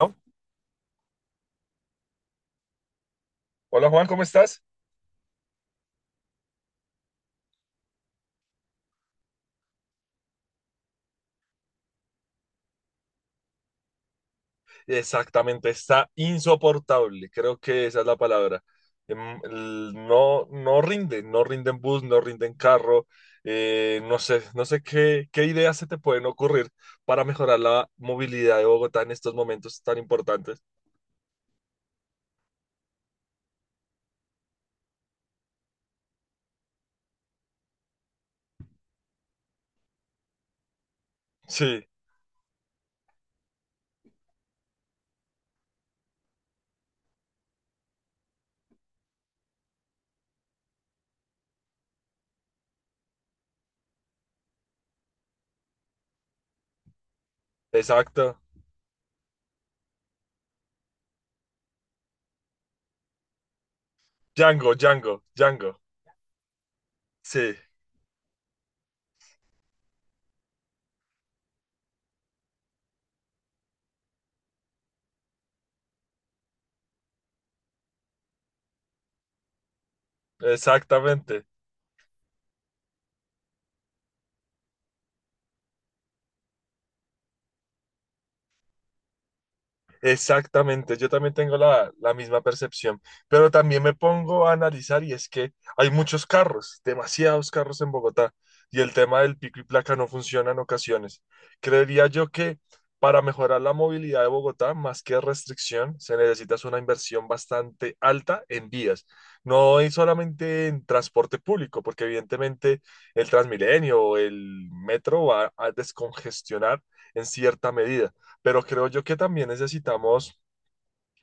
¿No? Hola Juan, ¿cómo estás? Exactamente, está insoportable, creo que esa es la palabra. No, no rinde, no rinden bus, no rinden carro. No sé qué ideas se te pueden ocurrir para mejorar la movilidad de Bogotá en estos momentos tan importantes. Sí, exacto. Django, Django, Django. Sí, exactamente. Exactamente, yo también tengo la misma percepción, pero también me pongo a analizar y es que hay muchos carros, demasiados carros en Bogotá y el tema del pico y placa no funciona en ocasiones. Creería yo que para mejorar la movilidad de Bogotá, más que restricción, se necesita es una inversión bastante alta en vías, no es solamente en transporte público, porque evidentemente el Transmilenio o el metro va a descongestionar en cierta medida, pero creo yo que también necesitamos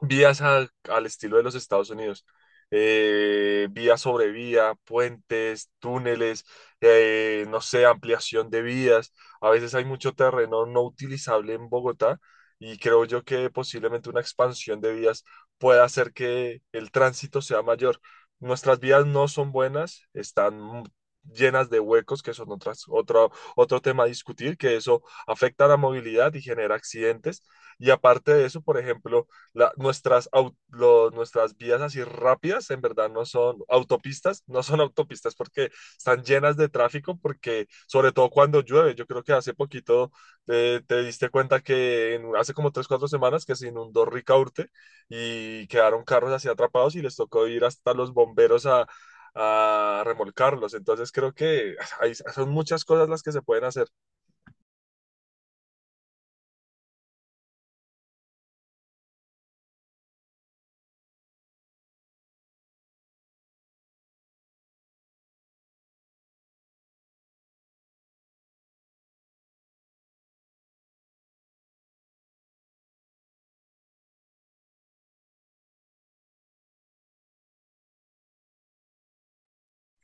vías al estilo de los Estados Unidos. Vía sobre vía, puentes, túneles, no sé, ampliación de vías. A veces hay mucho terreno no utilizable en Bogotá y creo yo que posiblemente una expansión de vías pueda hacer que el tránsito sea mayor. Nuestras vías no son buenas, están llenas de huecos, que son otras, otro tema a discutir, que eso afecta a la movilidad y genera accidentes. Y aparte de eso, por ejemplo, nuestras vías así rápidas, en verdad no son autopistas, no son autopistas, porque están llenas de tráfico, porque sobre todo cuando llueve. Yo creo que hace poquito, te diste cuenta que hace como 3, 4 semanas que se inundó Ricaurte y quedaron carros así atrapados y les tocó ir hasta los bomberos a remolcarlos. Entonces creo que hay son muchas cosas las que se pueden hacer.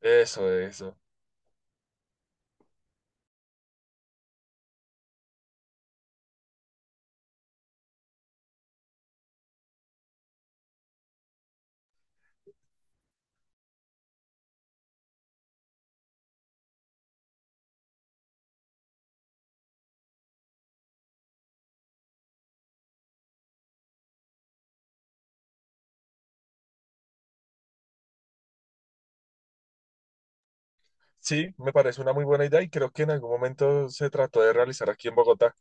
Eso, eso. Sí, me parece una muy buena idea y creo que en algún momento se trató de realizar aquí en Bogotá,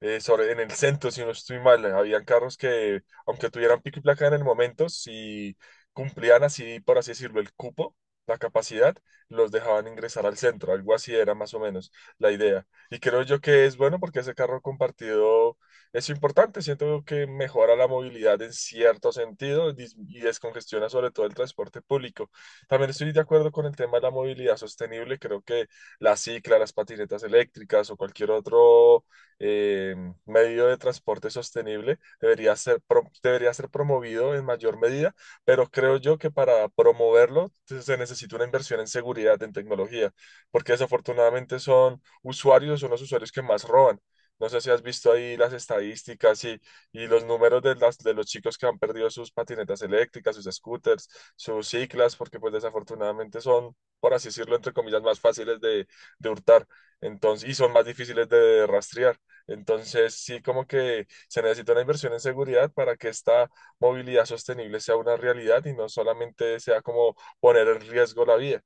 sobre, en el centro, si no estoy mal. Habían carros que, aunque tuvieran pico y placa en el momento, si cumplían así, por así decirlo, el cupo, la capacidad, los dejaban ingresar al centro. Algo así era más o menos la idea. Y creo yo que es bueno porque ese carro compartido es importante. Siento que mejora la movilidad en cierto sentido y descongestiona sobre todo el transporte público. También estoy de acuerdo con el tema de la movilidad sostenible. Creo que la cicla, las patinetas eléctricas o cualquier otro eh, medio de transporte sostenible debería ser promovido en mayor medida, pero creo yo que para promoverlo se necesita una inversión en seguridad, en tecnología, porque desafortunadamente son los usuarios que más roban. No sé si has visto ahí las estadísticas, y los números de los chicos que han perdido sus patinetas eléctricas, sus scooters, sus ciclas, porque pues desafortunadamente son, por así decirlo, entre comillas, más fáciles de hurtar, entonces, y son más difíciles de rastrear. Entonces, sí, como que se necesita una inversión en seguridad para que esta movilidad sostenible sea una realidad y no solamente sea como poner en riesgo la vía.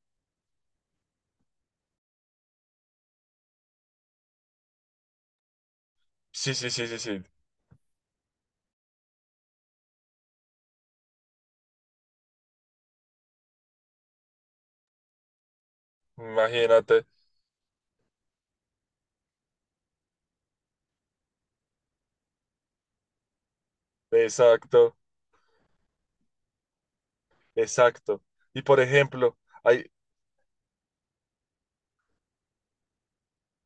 Sí, sí, sí, sí, sí, imagínate, exacto, exacto. Y por ejemplo, hay,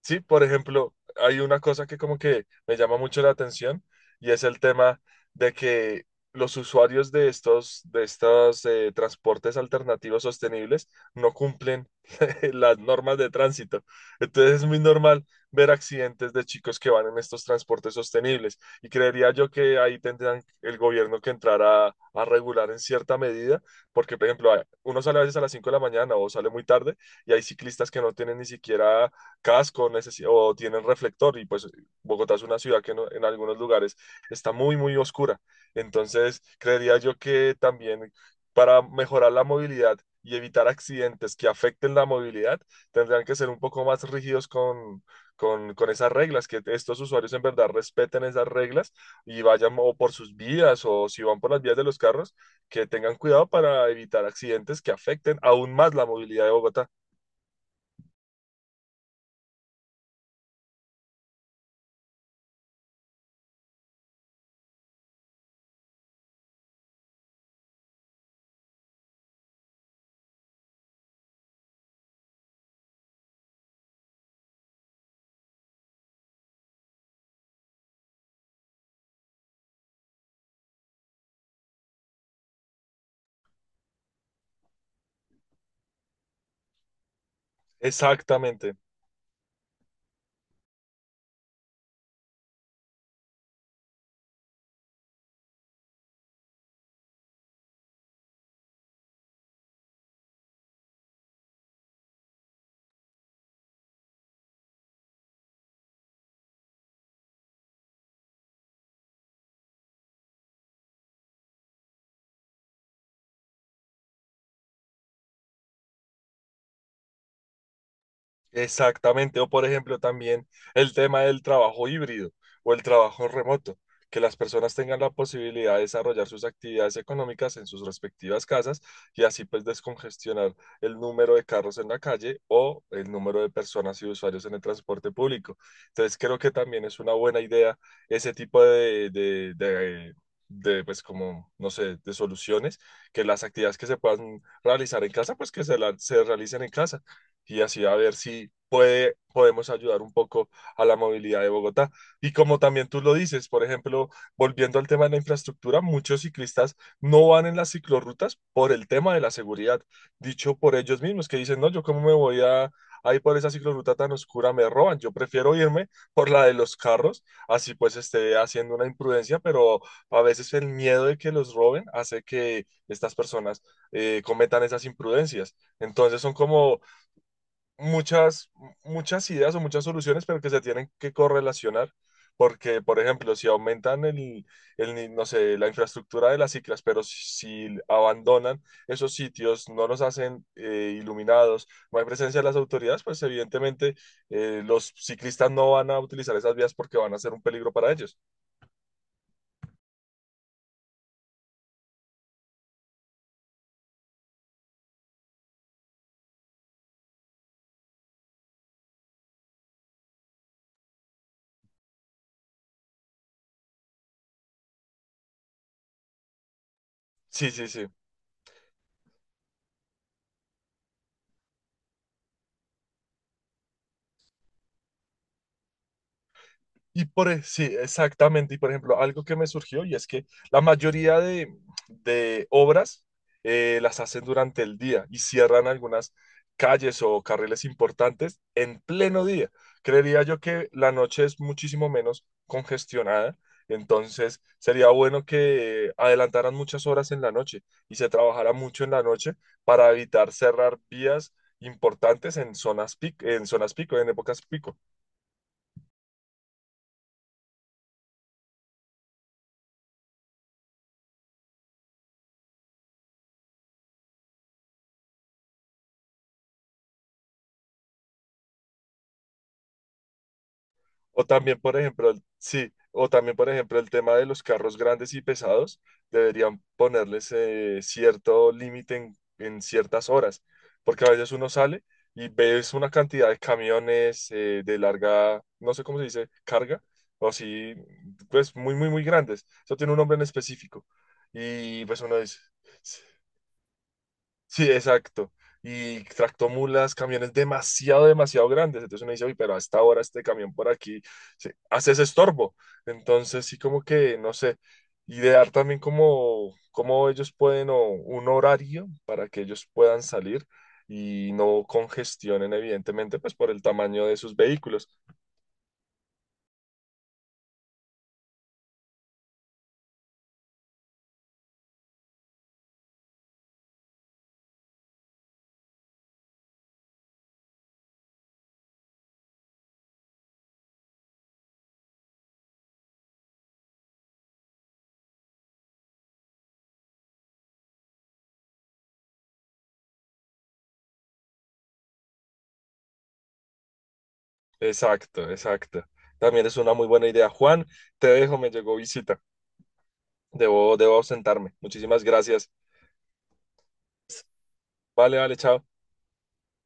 Sí, por ejemplo, hay una cosa que como que me llama mucho la atención y es el tema de que los usuarios de estos transportes alternativos sostenibles no cumplen las normas de tránsito. Entonces es muy normal ver accidentes de chicos que van en estos transportes sostenibles y creería yo que ahí tendrán el gobierno que entrar a regular en cierta medida, porque por ejemplo, uno sale a veces a las 5 de la mañana o sale muy tarde y hay ciclistas que no tienen ni siquiera casco o tienen reflector, y pues Bogotá es una ciudad que no- en algunos lugares está muy, muy oscura. Entonces, creería yo que también, para mejorar la movilidad y evitar accidentes que afecten la movilidad, tendrían que ser un poco más rígidos con esas reglas, que estos usuarios en verdad respeten esas reglas y vayan o por sus vías o, si van por las vías de los carros, que tengan cuidado para evitar accidentes que afecten aún más la movilidad de Bogotá. Exactamente. Exactamente, o por ejemplo también el tema del trabajo híbrido o el trabajo remoto, que las personas tengan la posibilidad de desarrollar sus actividades económicas en sus respectivas casas, y así pues descongestionar el número de carros en la calle o el número de personas y usuarios en el transporte público. Entonces creo que también es una buena idea ese tipo de pues como, no sé, de soluciones, que las actividades que se puedan realizar en casa, pues que se realicen en casa, y así a ver si podemos ayudar un poco a la movilidad de Bogotá. Y como también tú lo dices, por ejemplo, volviendo al tema de la infraestructura, muchos ciclistas no van en las ciclorrutas por el tema de la seguridad, dicho por ellos mismos, que dicen, "No, yo cómo me voy a. Ahí por esa ciclorruta tan oscura me roban. Yo prefiero irme por la de los carros, así pues esté haciendo una imprudencia". Pero a veces el miedo de que los roben hace que estas personas cometan esas imprudencias. Entonces son como muchas, muchas ideas o muchas soluciones, pero que se tienen que correlacionar. Porque, por ejemplo, si aumentan el ni- no sé, la infraestructura de las ciclas, pero si si abandonan esos sitios, no los hacen iluminados, no hay presencia de las autoridades, pues evidentemente los ciclistas no van a utilizar esas vías porque van a ser un peligro para ellos. Sí, sí, sí. Sí, exactamente. Y por ejemplo, algo que me surgió y es que la mayoría de obras, las hacen durante el día y cierran algunas calles o carriles importantes en pleno día. Creería yo que la noche es muchísimo menos congestionada, entonces sería bueno que adelantaran muchas horas en la noche y se trabajara mucho en la noche para evitar cerrar vías importantes en zonas pico, en épocas pico. O también, por ejemplo, el, sí, o también, por ejemplo, el tema de los carros grandes y pesados. Deberían ponerles cierto límite en, ciertas horas, porque a veces uno sale y ves una cantidad de camiones de larga, no sé cómo se dice, carga, o así, pues muy, muy, muy grandes. Eso tiene un nombre en específico. Y pues uno dice, sí, exacto. Y tractomulas, camiones demasiado, demasiado grandes. Entonces uno dice, uy, pero a esta hora este camión por aquí hace ese estorbo. Entonces sí, como que, no sé, idear también cómo, ellos pueden, o un horario para que ellos puedan salir y no congestionen, evidentemente, pues por el tamaño de sus vehículos. Exacto, exacto. También es una muy buena idea. Juan, te dejo, me llegó visita. Debo ausentarme. Muchísimas gracias. Vale, vale, chao.